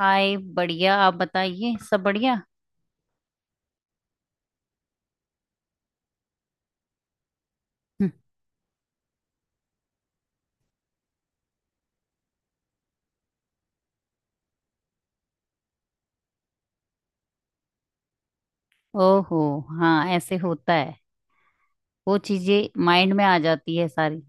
हाय, बढ़िया। आप बताइए, सब बढ़िया। हम्म। ओहो। हाँ, ऐसे होता है। वो चीजें माइंड में आ जाती है सारी।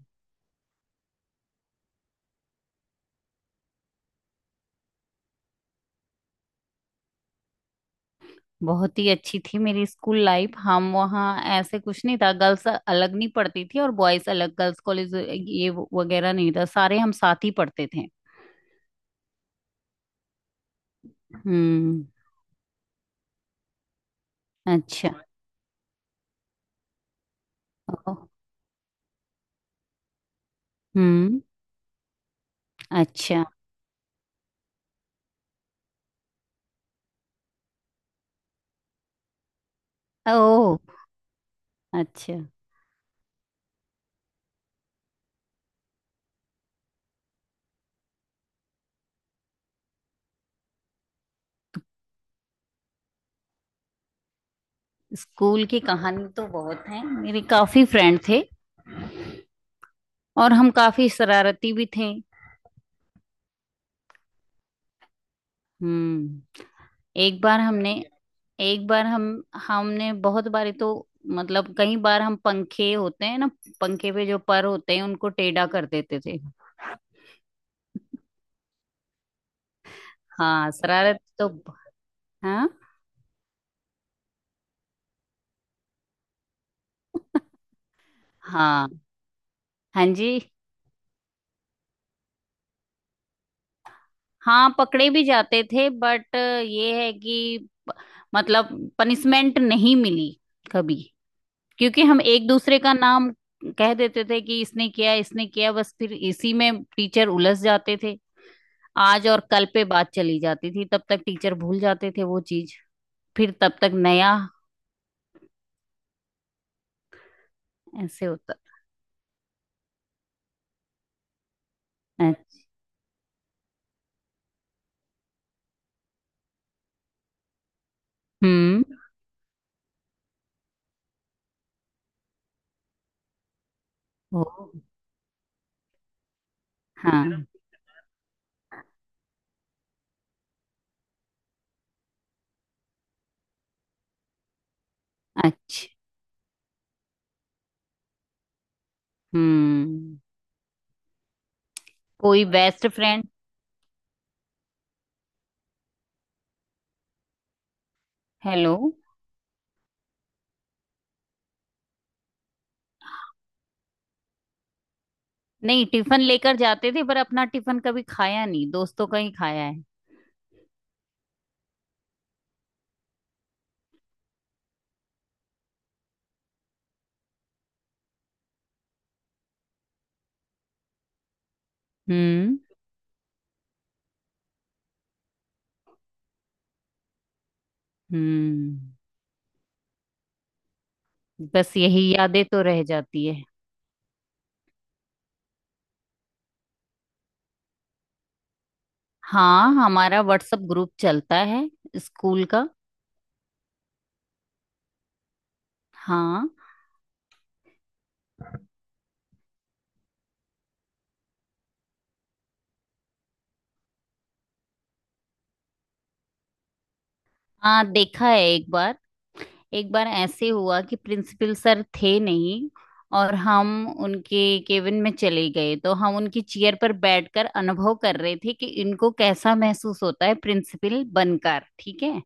बहुत ही अच्छी थी मेरी स्कूल लाइफ। हम वहाँ ऐसे कुछ नहीं था, गर्ल्स अलग नहीं पढ़ती थी और बॉयज अलग, गर्ल्स कॉलेज वगैरह नहीं था, सारे हम साथ ही पढ़ते थे। हम्म। अच्छा। ओ। हम्म। अच्छा। ओ। अच्छा। स्कूल की कहानी तो बहुत है, मेरे काफी फ्रेंड थे और हम काफी शरारती भी थे। हम्म। एक बार हमने एक बार हम हमने बहुत बारी तो मतलब कई बार, हम पंखे होते हैं ना, पंखे पे जो पर होते हैं उनको टेढ़ा कर देते थे। हाँ, शरारत तो। हाँ। हाँ। हाँ जी। हाँ, पकड़े भी जाते थे बट ये है कि, मतलब, पनिशमेंट नहीं मिली कभी, क्योंकि हम एक दूसरे का नाम कह देते थे कि इसने किया, इसने किया। बस फिर इसी में टीचर उलझ जाते थे। आज और कल पे बात चली जाती थी, तब तक टीचर भूल जाते थे वो चीज। फिर तब तक नया। ऐसे होता। अच्छा। हम्म। ओ। हाँ। अच्छा। हम्म। कोई बेस्ट फ्रेंड? हेलो। नहीं, टिफिन लेकर जाते थे पर अपना टिफिन कभी खाया नहीं, दोस्तों का ही खाया है। हम्म। हम्म। बस यही यादें तो रह जाती है। हाँ, हमारा व्हाट्सएप ग्रुप चलता है स्कूल का। हाँ। हाँ, देखा है एक बार। एक बार ऐसे हुआ कि प्रिंसिपल सर थे नहीं और हम उनके केबिन में चले गए। तो हम उनकी चेयर पर बैठकर अनुभव कर रहे थे कि इनको कैसा महसूस होता है प्रिंसिपल बनकर, ठीक है।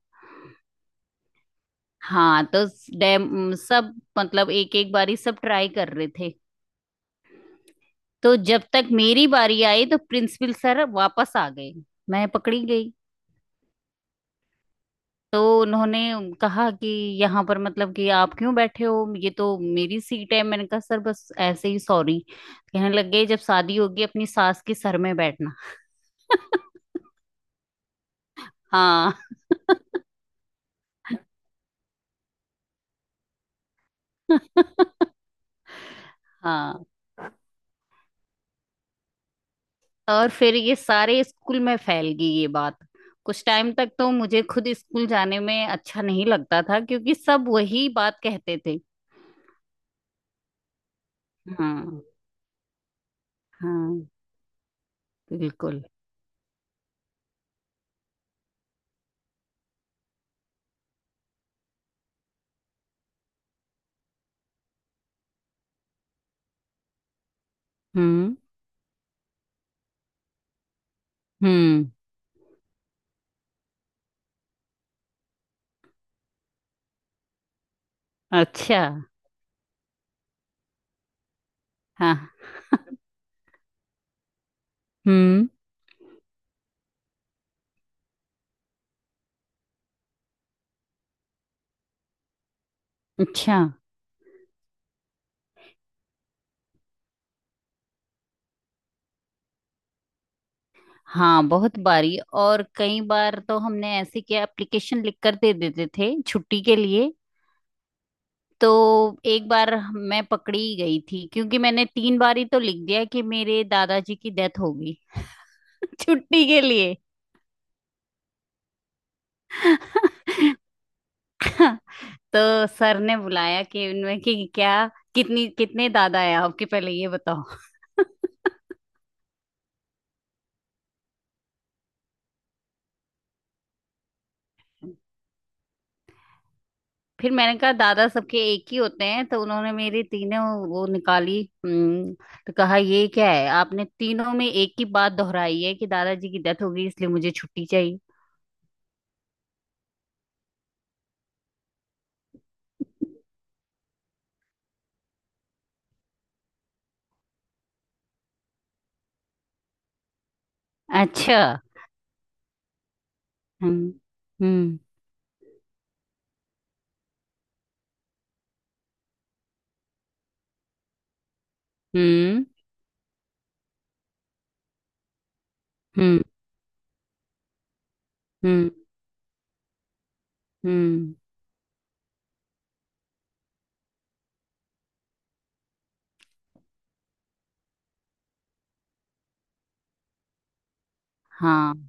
हाँ, तो डैम सब, मतलब, एक एक बारी सब ट्राई कर रहे थे। तो जब तक मेरी बारी आई, तो प्रिंसिपल सर वापस आ गए, मैं पकड़ी गई। तो उन्होंने कहा कि यहाँ पर, मतलब कि आप क्यों बैठे हो, ये तो मेरी सीट है। मैंने कहा सर बस ऐसे ही, सॉरी कहने लग गए, जब शादी होगी अपनी सास के सर में बैठना। हाँ। हाँ, और फिर ये सारे स्कूल में फैल गई ये बात। कुछ टाइम तक तो मुझे खुद स्कूल जाने में अच्छा नहीं लगता था, क्योंकि सब वही बात कहते थे। हाँ। हाँ। बिल्कुल। हम्म। हम्म। अच्छा। हाँ। हम्म। अच्छा। हाँ, बहुत बारी। और कई बार तो हमने ऐसे किया, एप्लीकेशन लिख कर दे देते थे छुट्टी के लिए। तो एक बार मैं पकड़ी गई थी, क्योंकि मैंने 3 बार ही तो लिख दिया कि मेरे दादाजी की डेथ हो गई। छुट्टी के लिए। हाँ, तो सर ने बुलाया कि, उनमें कि क्या, कितनी कितने दादा है आपके, पहले ये बताओ। फिर मैंने कहा दादा सबके एक ही होते हैं, तो उन्होंने मेरी तीनों वो निकाली। हम्म। तो कहा ये क्या है, आपने तीनों में एक ही बात दोहराई है कि दादाजी की डेथ हो गई, इसलिए मुझे छुट्टी चाहिए। अच्छा। हम्म। हम्म। हम्म। हम्म। हम्म। हम्म। हाँ,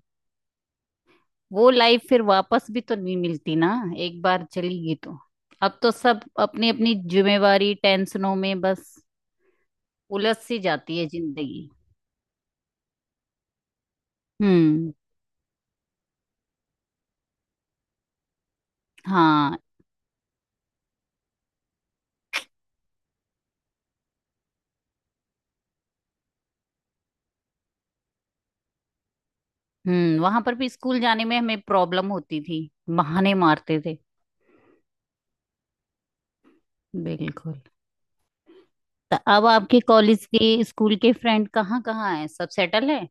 वो लाइफ फिर वापस भी तो नहीं मिलती ना। एक बार चली गई तो अब तो सब अपनी अपनी जिम्मेवारी, टेंशनों में बस उलझ सी जाती है जिंदगी। हम्म। हाँ। हम्म। वहां पर भी स्कूल जाने में हमें प्रॉब्लम होती थी, बहाने मारते थे। बिल्कुल। तो अब आपके कॉलेज के, स्कूल के फ्रेंड कहाँ कहाँ हैं, सब सेटल है?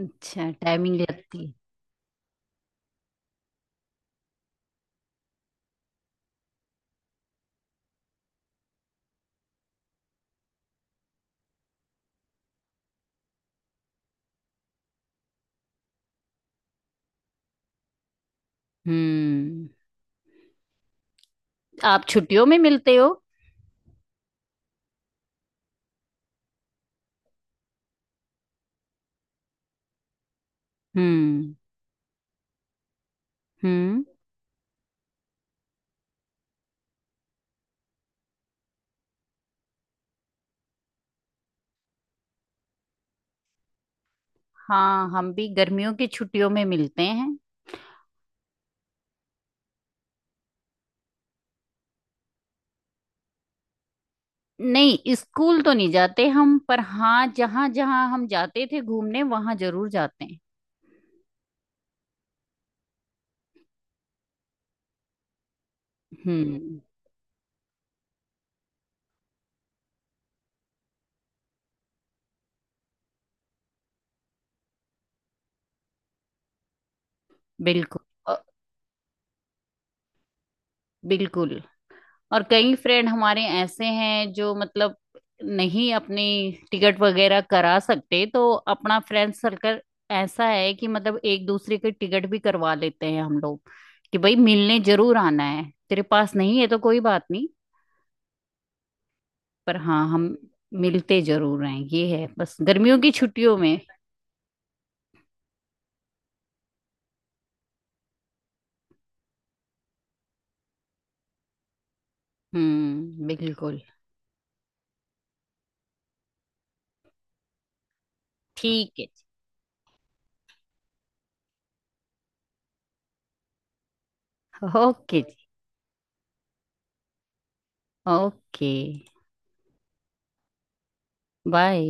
अच्छा, टाइमिंग लगती है। हम्म। आप छुट्टियों में मिलते हो? हम्म। हम्म। हाँ, हम भी गर्मियों की छुट्टियों में मिलते हैं। नहीं, स्कूल तो नहीं जाते हम, पर हाँ, जहाँ जहाँ हम जाते थे घूमने वहां जरूर जाते हैं। हम्म। बिल्कुल। अ, बिल्कुल। और कई फ्रेंड हमारे ऐसे हैं जो, मतलब, नहीं अपनी टिकट वगैरह करा सकते, तो अपना फ्रेंड सर्कल ऐसा है कि, मतलब, एक दूसरे के टिकट भी करवा लेते हैं हम लोग, कि भाई मिलने जरूर आना है, तेरे पास नहीं है तो कोई बात नहीं। पर हाँ, हम मिलते जरूर हैं, ये है, बस गर्मियों की छुट्टियों में। हम्म। बिल्कुल। ठीक है। ओके जी। ओके। बाय।